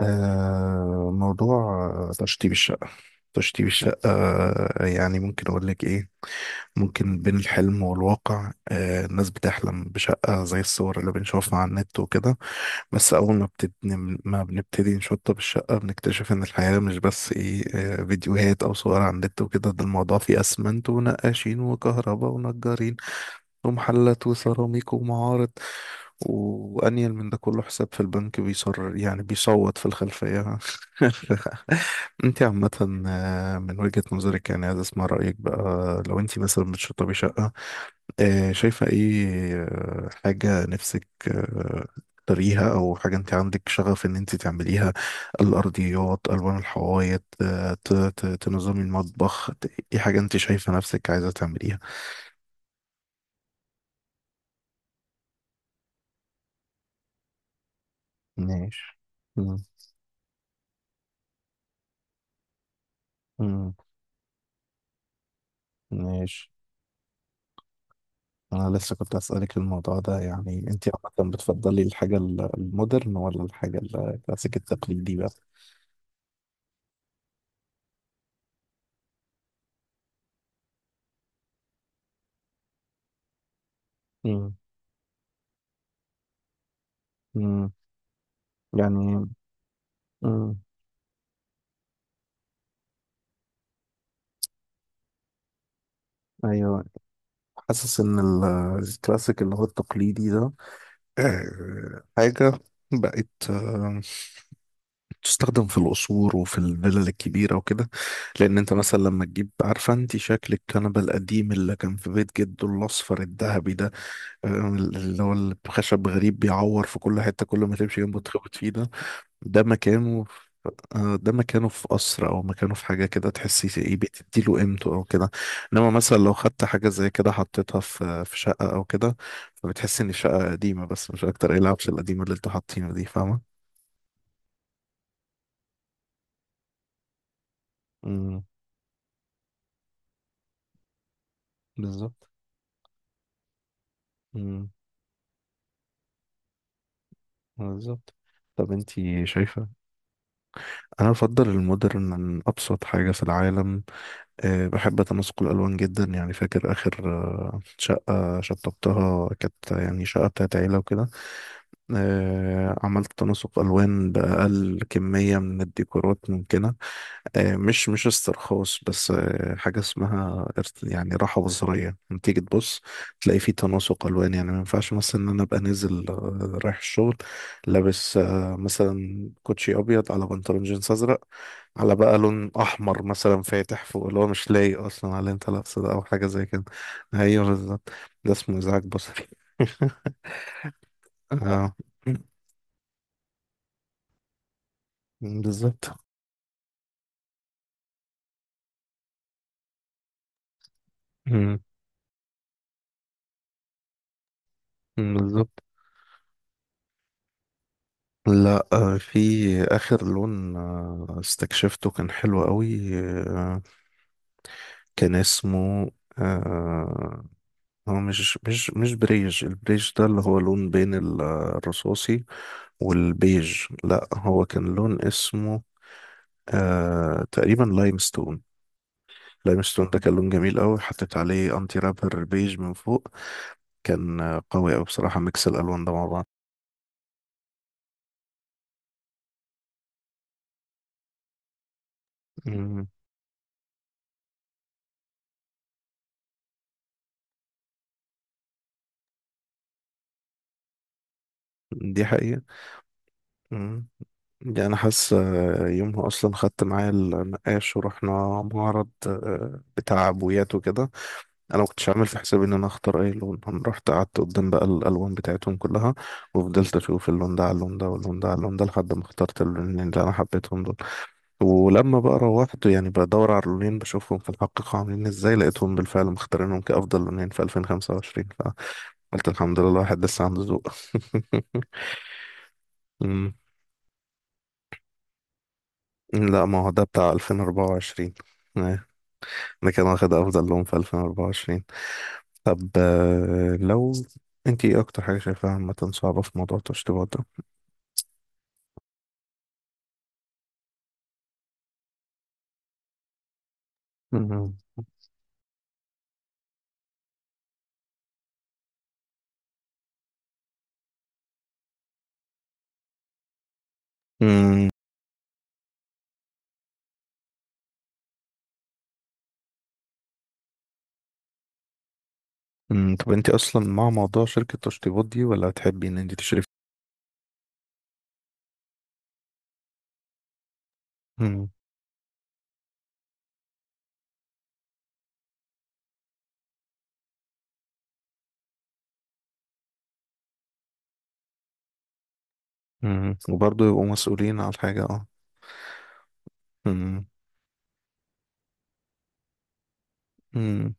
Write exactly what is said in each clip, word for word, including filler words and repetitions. آه موضوع آه، تشطيب الشقة. تشطيب الشقة، آه، يعني ممكن أقول لك إيه. ممكن بين الحلم والواقع، آه الناس بتحلم بشقة زي الصور اللي بنشوفها على النت وكده. بس أول ما بتبني، ما بنبتدي نشطب الشقة، بنكتشف إن الحياة مش بس إيه آه فيديوهات أو صور على النت وكده. ده الموضوع فيه أسمنت ونقاشين وكهرباء ونجارين ومحلات وسيراميك ومعارض، وأنيل من ده كله حساب في البنك بيصر، يعني بيصوت في الخلفية. انت عامة، آه، من وجهة نظرك، يعني عايز اسمع رأيك بقى، لو انت مثلا بتشطبي شقة، آه، شايفة ايه؟ آه، حاجة نفسك آه، تريها، او حاجة انت عندك شغف ان انت تعمليها؟ الارضيات، الوان الحوايط، آه، ت- ت- تنظمي المطبخ، ت- ايه حاجة انت شايفة نفسك عايزة تعمليها؟ ماشي. مم. مم. ماشي. انا لسه كنت اسالك الموضوع ده، يعني انت عامه بتفضلي الحاجه ال- المودرن ولا الحاجه الكلاسيك التقليدي بقى؟ امم امم يعني امم ايوه. حاسس ان ال- الكلاسيك اللي هو التقليدي ده آه، حاجه بقت آه، تستخدم في القصور وفي الفلل الكبيره وكده، لان انت مثلا لما تجيب، عارفه انت شكل الكنبه القديم اللي كان في بيت جده، الاصفر الذهبي ده اللي هو الخشب غريب بيعور في كل حتة، كل ما تمشي جنبه تخبط فيه ده. ده مكانه في، آه، ده مكانه في قصر، أو مكانه في حاجة كده تحسي إيه بتديله قيمته أو كده. إنما مثلا لو خدت حاجة زي كده حطيتها في في شقة أو كده، فبتحسي إن الشقة قديمة، بس مش أكتر، إيه العفش القديمة اللي أنتوا حاطينه دي فاهمة؟ امم بالظبط. امم بالظبط. طب أنتي شايفة؟ أنا أفضل المودرن من أبسط حاجة في العالم. آه، بحب تناسق الألوان جدا. يعني فاكر آخر آه، شقة شطبتها، كانت يعني شقة بتاعت عيلة وكده، آه، عملت تناسق ألوان بأقل كمية من الديكورات ممكنة. آه، مش مش استرخاص، بس آه، حاجة اسمها ارت- يعني راحة بصرية لما تيجي تبص تلاقي فيه تناسق ألوان. يعني ما ينفعش مثلا إن أنا أبقى نازل آه، رايح الشغل، لابس آه، مثلا كوتشي أبيض على بنطلون جينز أزرق، على بقى لون احمر مثلا فاتح فوق، اللي هو مش لايق اصلا على اللي انت لابسه ده او حاجه زي كده. ايوه بالظبط. ده اسمه ازعاج بصري. آه، بالظبط. مم، بالظبط. لا، آه، في اخر لون آه، استكشفته كان حلو قوي. آه، كان اسمه آه، هو مش مش مش بريج. البريج ده اللي هو لون بين ال- الرصاصي والبيج. لا، هو كان لون اسمه آه، تقريبا لايمستون. لايم ستون ده كان لون جميل قوي، حطيت عليه انتي رابر بيج من فوق. كان آه، قوي قوي بصراحة ميكس الالوان ده مع بعض. مم. دي حقيقة. مم. دي انا حاسس. آه، يومها اصلا خدت معايا النقاش ورحنا معرض آه، بتاع عبويات وكده. انا ما كنتش عامل في حسابي ان انا اختار اي لون. انا رحت قعدت قدام بقى الالوان بتاعتهم كلها، وفضلت اشوف اللون ده على اللون ده، واللون ده على اللون ده، لحد ما اخترت اللونين اللي انا حبيتهم دول. ولما بقى روحت يعني بدور على اللونين، بشوفهم في الحقيقة عاملين ازاي، لقيتهم بالفعل مختارينهم كأفضل لونين في ألفين وخمسة وعشرين، فقلت الحمد لله، الواحد لسه عنده ذوق. أمم. لا، ما هو ده بتاع ألفين وأربعة وعشرين. إيه، ده كان واخد أفضل لون في ألفين وأربعة وعشرين. طب، آه، لو انت، ايه أكتر حاجة شايفاها عامة صعبة في موضوع التشطيبات ده؟ أمم. أمم. أمم. طب انت أصلا مع موضوع شركة التشطيبات دي، ولا تحبي ان انت تشرفي؟ أمم. أمم. وبرضه يبقوا مسؤولين على الحاجة. مم. مم.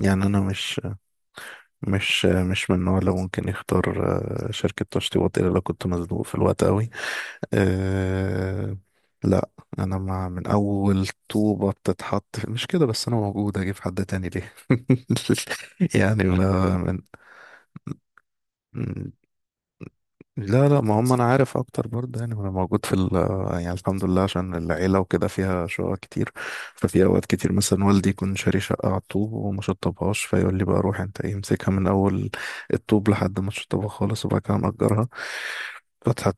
يعني انا مش مش مش من النوع اللي ممكن يختار آه، شركة تشطيبات الا لو كنت مزنوق في الوقت قوي. أه لا، انا مع من اول طوبة بتتحط، مش كده بس، انا موجود، اجيب حد تاني ليه؟ يعني ما. من، لا لا، ما هم انا عارف اكتر برضه، يعني انا موجود في ال، آه، يعني الحمد لله عشان العيله وكده فيها شقق كتير. ففي اوقات كتير مثلا والدي يكون شاري شقه على الطوب وما شطبهاش، فيقول لي بقى روح انت، ايه، امسكها من اول الطوب لحد ما تشطبها خالص، وبعد كده مأجرها. فتحت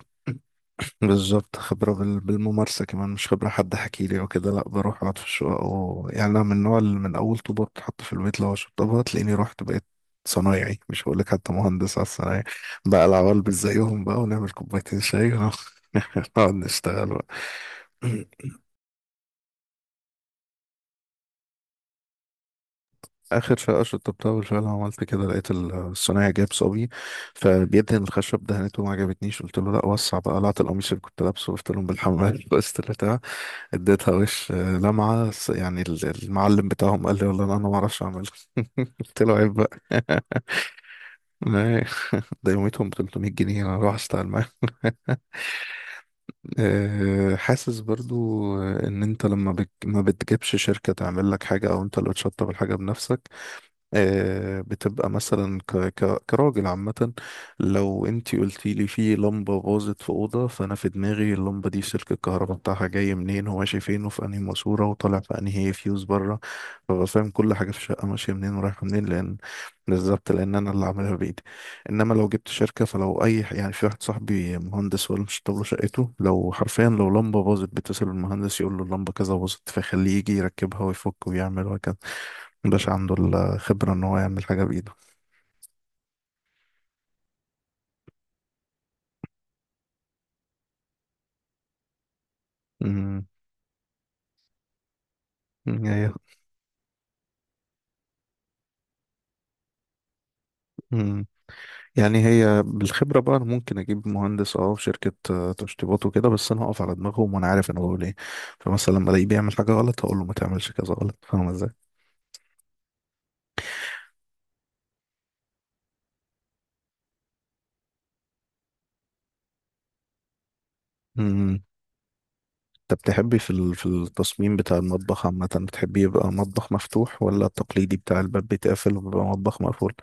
بالظبط، خبرة بال- بالممارسة كمان، مش خبرة حد حكي لي وكده. لا، بروح اقعد في الشقق و... يعني انا من النوع اللي من اول طوبة بتتحط في البيت لو شطبها، تلاقيني رحت بقيت صنايعي، مش هقول لك حتى مهندس، على الصنايعي بقى، العوال مش زيهم بقى، ونعمل كوبايتين شاي ونقعد نشتغل بقى. اخر شقة شطبتها بالفعل عملت كده، لقيت الصنايعي جاب صبي فبيدهن الخشب، دهنته ما عجبتنيش، قلت له لا وسع بقى، قلعت القميص اللي كنت لابسه، قلت لهم بالحمام، بس طلعت اديتها وش آه، لمعة. س- يعني ال- المعلم بتاعهم قال لي والله انا أنا ما اعرفش اعملها. قلت له عيب بقى. ما- ده يوميتهم ب ثلاثمية جنيه، انا اروح اشتغل معاهم؟ آه، حاسس برضو آه، ان انت لما بت... ما بتجيبش شركة تعمل لك حاجة، او انت اللي بتشطب الحاجة بنفسك، آه، بتبقى مثلا ك... ك... كراجل عامة. لو انتي قلتي لي في لمبة باظت في أوضة، فأنا في دماغي اللمبة دي سلك الكهرباء بتاعها جاي منين، هو ماشي فين، وفي أنهي ماسورة، وطالع في أنهي فيوز بره. فببقى فاهم كل حاجة في الشقة ماشية منين ورايحة منين، لأن بالظبط، لأن أنا اللي عاملها بإيدي. إنما لو جبت شركة، فلو أي، يعني في واحد صاحبي مهندس ولا مش له شقته، لو حرفيا لو لمبة باظت، بيتصل بالمهندس يقول له اللمبة كذا باظت، فيخليه يجي يركبها ويفك ويعمل وهكذا. مبقاش عنده الخبرة إن هو يعمل حاجة بإيده. مم. هي مم. يعني هي بالخبرة بقى، أنا ممكن أجيب مهندس، أه، في شركة آه، تشطيبات وكده، بس أنا هقف على دماغهم، وأنا عارف أنا بقول إيه. فمثلا لما ألاقيه بيعمل حاجة غلط، هقول له ما تعملش كذا غلط. فاهم إزاي؟ مم. أنت بتحبي في ال- في التصميم بتاع المطبخ عامة، بتحبي يبقى مطبخ مفتوح ولا التقليدي بتاع الباب بيتقفل وبيبقى مطبخ مقفول؟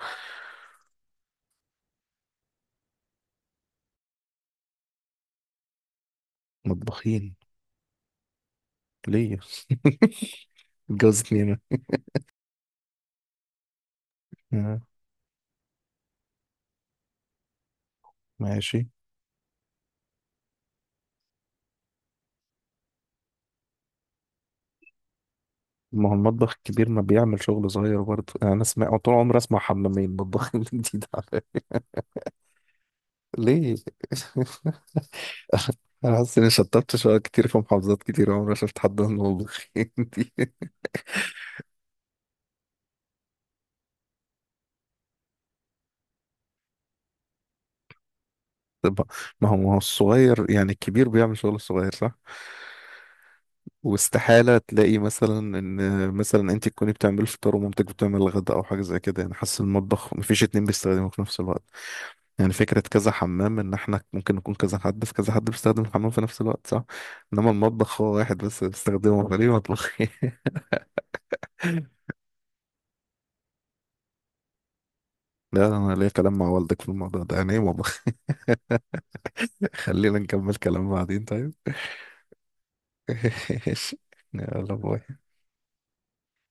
مطبخين؟ ليه؟ اتجوزت ليه أنا؟ آه، ماشي. ما هو المطبخ الكبير ما بيعمل شغل صغير برضه؟ يعني انا اسمع طول عمري، اسمع حمامين، مطبخين جديد على ليه. انا حاسس اني شطبت شوية كتير في محافظات كتير، عمري ما شفت حد من المطبخين دي. طب ما هو، ما هو الصغير يعني الكبير بيعمل شغل الصغير، صح؟ واستحالة تلاقي مثلا ان، مثلا انت تكوني بتعملي الفطار ومامتك بتعمل الغداء او حاجة زي كده. يعني حاسس المطبخ مفيش اتنين بيستخدموا في نفس الوقت. يعني فكرة كذا حمام إن إحنا ممكن نكون كذا حد، في كذا حد بيستخدم الحمام في نفس الوقت، صح؟ إنما المطبخ هو واحد بس بيستخدمه، فليه مطبخ؟ لا أنا ليا كلام مع والدك في الموضوع ده، يعني إيه مطبخ؟ خلينا نكمل كلام بعدين طيب. ماشي، يلا باي.